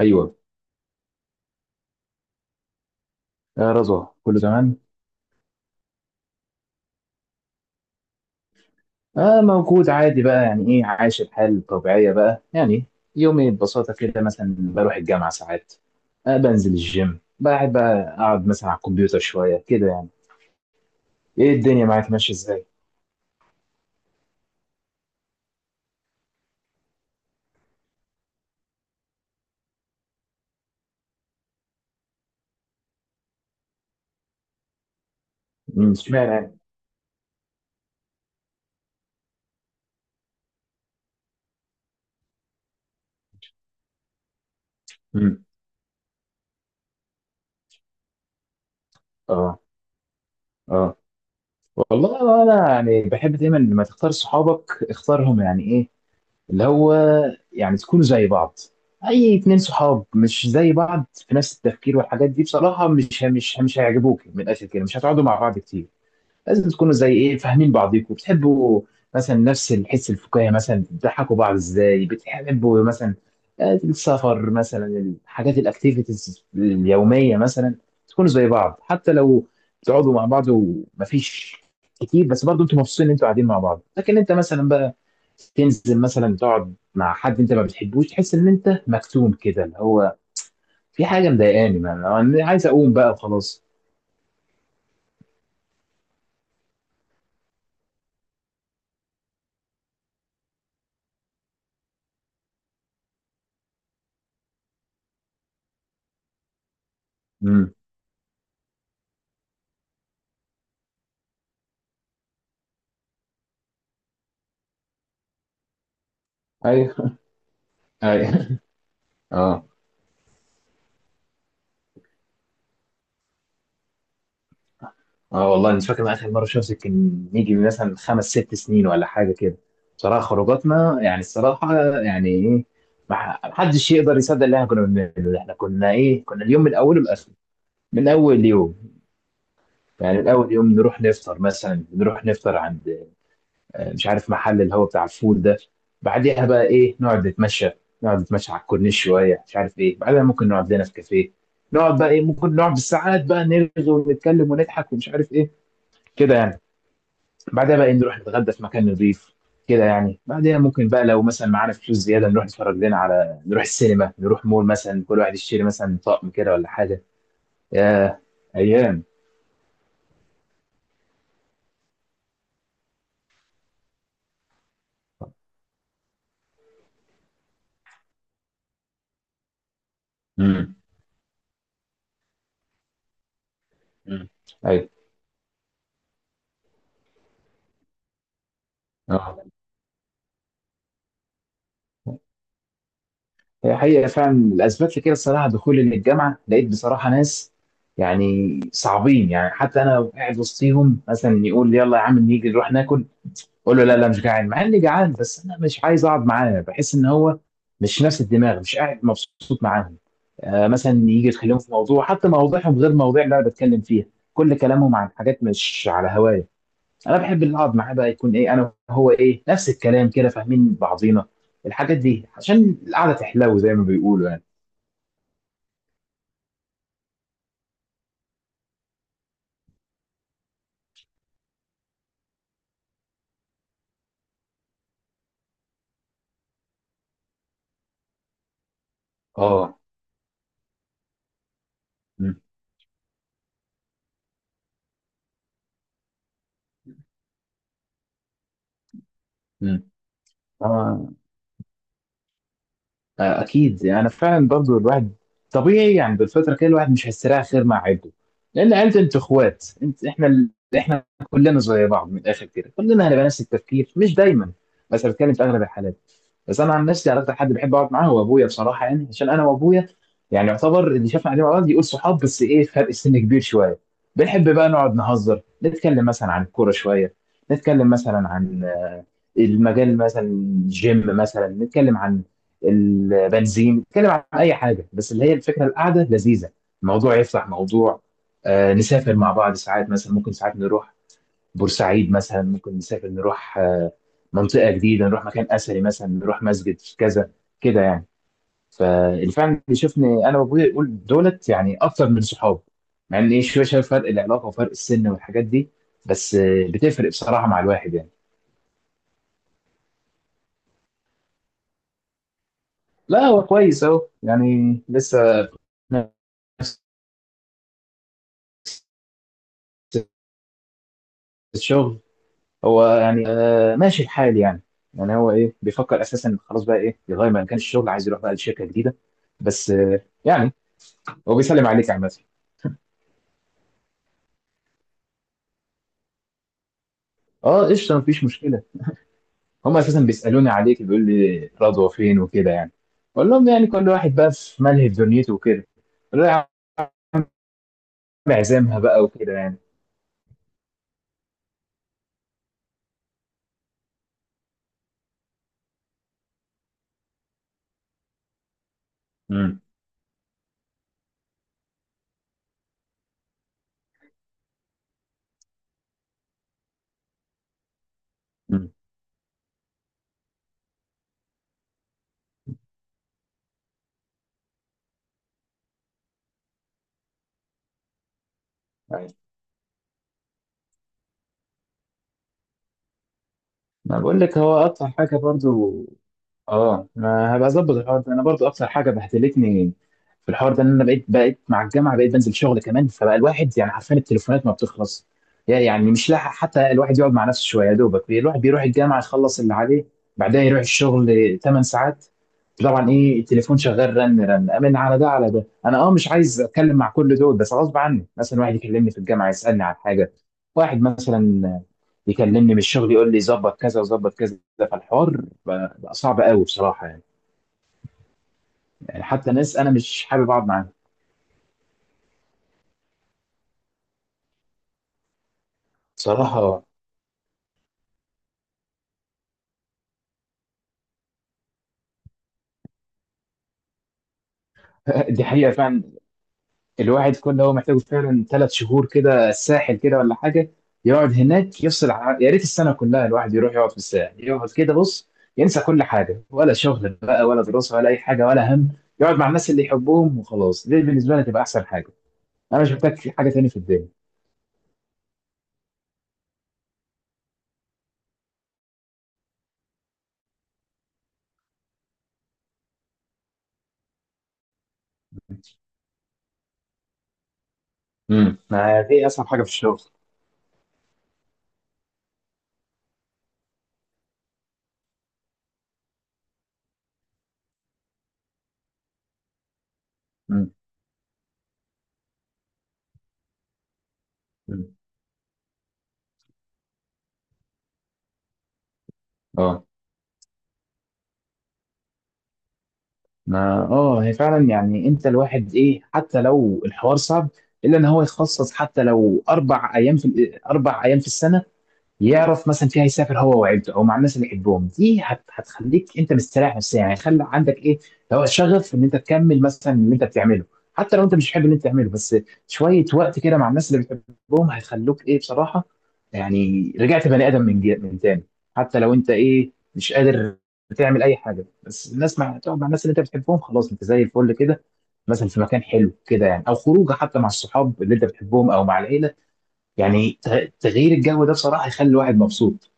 ايوه. آه، رضوى كله تمام. آه، موجود عادي بقى، يعني ايه، عايش الحال الطبيعيه بقى يعني. يومي ببساطه كده مثلا بروح الجامعه ساعات، آه بنزل الجيم بحب بقى، اقعد مثلا على الكمبيوتر شويه كده يعني. ايه الدنيا معاك ماشيه ازاي؟ اشمعنى يعني؟ مم. اه. اه، والله انا يعني بحب دايما لما تختار صحابك اختارهم، يعني ايه اللي هو يعني، تكونوا زي بعض. اي اتنين صحاب مش زي بعض في نفس التفكير والحاجات دي بصراحة مش هيعجبوك، من الاخر كده مش هتقعدوا مع بعض كتير. لازم تكونوا زي ايه، فاهمين بعضيكم، بتحبوا مثلا نفس الحس الفكاهي، مثلا بتضحكوا بعض ازاي، بتحبوا مثلا السفر مثلا، الحاجات الاكتيفيتيز اليوميه مثلا. تكونوا زي بعض حتى لو بتقعدوا مع بعض ومفيش كتير، بس برضه انتوا مبسوطين ان انتوا قاعدين مع بعض. لكن انت مثلا بقى تنزل مثلا تقعد مع حد انت ما بتحبوش، تحس ان انت مكتوم كده، اللي هو في حاجه مضايقاني، أنا عايز اقوم بقى وخلاص. امم. ايوه. ايوه. اه. اه، والله مش فاكر من اخر مره شمس كان يجي من مثلا 5 6 سنين ولا حاجه كده. بصراحه خروجاتنا يعني الصراحه، يعني ايه، ما حدش يقدر يصدق اللي احنا كنا بنعمله. احنا كنا ايه، كنا اليوم من اوله لاخره، من اول يوم، يعني من اول يوم نروح نفطر، مثلا نروح نفطر عند مش عارف محل اللي هو بتاع الفول ده. بعديها بقى ايه، نقعد نتمشى. نقعد نتمشى على الكورنيش شويه، مش عارف ايه بعدها، ممكن نقعد لنا في كافيه. نقعد بقى ايه، ممكن نقعد بالساعات بقى، نرغي ونتكلم ونضحك ومش عارف ايه كده يعني. بعدها بقى نروح نتغدى في مكان نضيف كده يعني. بعدها ممكن بقى لو مثلا معانا فلوس زياده نروح نتفرج لنا على، نروح السينما، نروح مول مثلا، كل واحد يشتري مثلا طقم كده ولا حاجه. يا ايام. امم. امم. ايوه. اه. هي حقيقه فعلا. الاسباب لكده الصراحه دخولي للجامعه، لقيت بصراحه ناس يعني صعبين يعني. حتى انا قاعد وسطيهم مثلا يقول يلا يا عم نيجي نروح ناكل، اقول له لا لا مش جعان، مع اني جعان، بس انا مش عايز اقعد معاه، بحس ان هو مش نفس الدماغ، مش قاعد مبسوط معاهم. آه، مثلا يجي يتكلموا في موضوع، حتى مواضيعهم غير مواضيع اللي انا بتكلم فيها. كل كلامهم عن حاجات مش على هوايه. انا بحب اللي اقعد معاه بقى يكون ايه، انا وهو ايه، نفس الكلام كده، فاهمين بعضينا، الحاجات دي، عشان القعده تحلو زي ما بيقولوا يعني. اه. امم. اكيد يعني فعلا. برضو الواحد طبيعي يعني بالفتره كده الواحد مش هيستريح غير مع عيلته، لان عيلته انت اخوات انت احنا احنا كلنا زي بعض. من الاخر كده كلنا هنبقى نفس التفكير، مش دايما بس بتكلم في اغلب الحالات. بس انا عن نفسي عرفت حد بحب اقعد معاه، هو ابويا بصراحه يعني. عشان انا وابويا يعني يعتبر اللي شافنا قاعدين مع بعض يقول صحاب، بس ايه فرق سن كبير شويه. بنحب بقى نقعد نهزر، نتكلم مثلا عن الكوره شويه، نتكلم مثلا عن المجال مثلا، الجيم مثلا، نتكلم عن البنزين، نتكلم عن اي حاجه بس اللي هي الفكره القعده لذيذه، الموضوع يفتح موضوع. نسافر مع بعض ساعات مثلا، ممكن ساعات نروح بورسعيد مثلا، ممكن نسافر نروح منطقه جديده، نروح مكان اثري مثلا، نروح مسجد في كذا كده يعني. فاللي فعلا بيشوفني انا وابويا يقول دولت يعني اكتر من صحاب، مع ان ايه شويه شايف فرق العلاقه وفرق السن والحاجات دي، بس بتفرق بصراحه مع الواحد يعني. لا هو كويس اهو يعني، لسه نفس الشغل. هو يعني آه ماشي الحال يعني. يعني هو ايه بيفكر اساسا خلاص بقى ايه يغير مكان الشغل، عايز يروح بقى لشركه جديده. بس يعني هو بيسلم عليك عامه. اه قشطه، مفيش مشكله. هم اساسا بيسالوني عليك، بيقول لي رضوى فين وكده يعني. بقول لهم يعني كل واحد بقى في ملهى في دنيته وكده. بقول له يا عم عزامها بقى وكده يعني. امم. امم. أيوة. ما بقول لك، هو اكتر حاجه برضو اه ما هبقى اظبط الحوار ده. انا برضو اكتر حاجه بهدلتني في الحوار ده ان انا بقيت مع الجامعه، بقيت بنزل شغل كمان، فبقى الواحد يعني حرفيا التليفونات ما بتخلص. يعني مش لاحق حتى الواحد يقعد مع نفسه شويه. يا دوبك الواحد بيروح الجامعه يخلص اللي عليه، بعدها يروح الشغل 8 ساعات. طبعا ايه التليفون شغال رن رن، امن على ده على ده، انا اه مش عايز اتكلم مع كل دول، بس غصب عني مثلا واحد يكلمني في الجامعه يسالني عن حاجه، واحد مثلا يكلمني من الشغل يقول لي ظبط كذا وظبط كذا. فالحوار بقى صعب قوي بصراحه يعني. يعني حتى ناس انا مش حابب اقعد معاهم بصراحه. دي حقيقه فعلا. الواحد كل هو محتاجه فعلا، 3 شهور كده الساحل كده ولا حاجه، يقعد هناك يفصل، يا ريت السنه كلها الواحد يروح يقعد في الساحل، يقعد كده بص ينسى كل حاجه، ولا شغل بقى ولا دراسه ولا اي حاجه ولا هم. يقعد مع الناس اللي يحبهم وخلاص. دي بالنسبه لي تبقى احسن حاجه، انا مش محتاج حاجه تاني في الدنيا. امم. ما دي اصعب حاجه في الشغل. امم. امم. اه. ما اه هي فعلا يعني، انت الواحد ايه حتى لو الحوار صعب، الا ان هو يخصص حتى لو 4 ايام، في 4 ايام في السنه يعرف مثلا فيها يسافر هو وعيلته او مع الناس اللي يحبهم. دي هتخليك انت مستريح نفسيا يعني. خلي عندك ايه لو شغف ان انت تكمل مثلا اللي انت بتعمله، حتى لو انت مش بتحب اللي انت بتعمله، بس شويه وقت كده مع الناس اللي بتحبهم هيخلوك ايه بصراحه. يعني رجعت بني ادم من من تاني. حتى لو انت ايه مش قادر تعمل اي حاجه، بس الناس مع، تقعد مع الناس اللي انت بتحبهم، خلاص انت زي الفل كده. مثلا في مكان حلو كده يعني، او خروجه حتى مع الصحاب اللي انت بتحبهم او مع العيله، يعني تغيير الجو ده بصراحة يخلي الواحد مبسوط.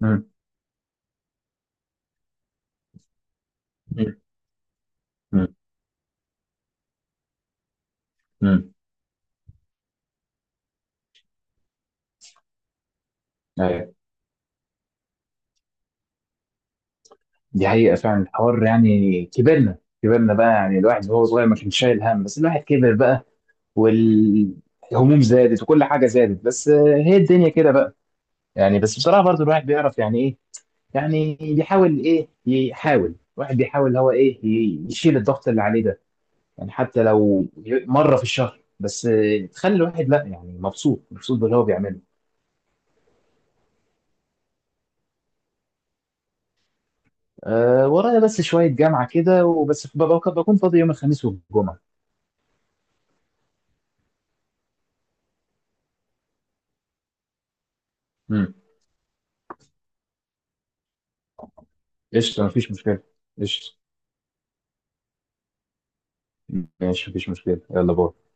مم. مم. مم. مم. ايوه. دي حقيقة فعلا الحوار. يعني كبرنا، كبرنا بقى يعني. الواحد وهو صغير ما كانش شايل هم، بس الواحد كبر بقى والهموم زادت وكل حاجة زادت. بس هي الدنيا كده بقى يعني. بس بصراحة برضو الواحد بيعرف يعني ايه، يعني بيحاول ايه، يحاول الواحد بيحاول اللي هو ايه يشيل الضغط اللي عليه ده، يعني حتى لو مرة في الشهر بس تخلي الواحد لا يعني مبسوط، مبسوط باللي هو بيعمله. أه، ورايا بس شوية جامعة كده، وبس بكون فاضي يوم الخميس والجمعة. امم. قشطة مفيش مشكلة. قشطة. ماشي مفيش مشكلة، يلا باي.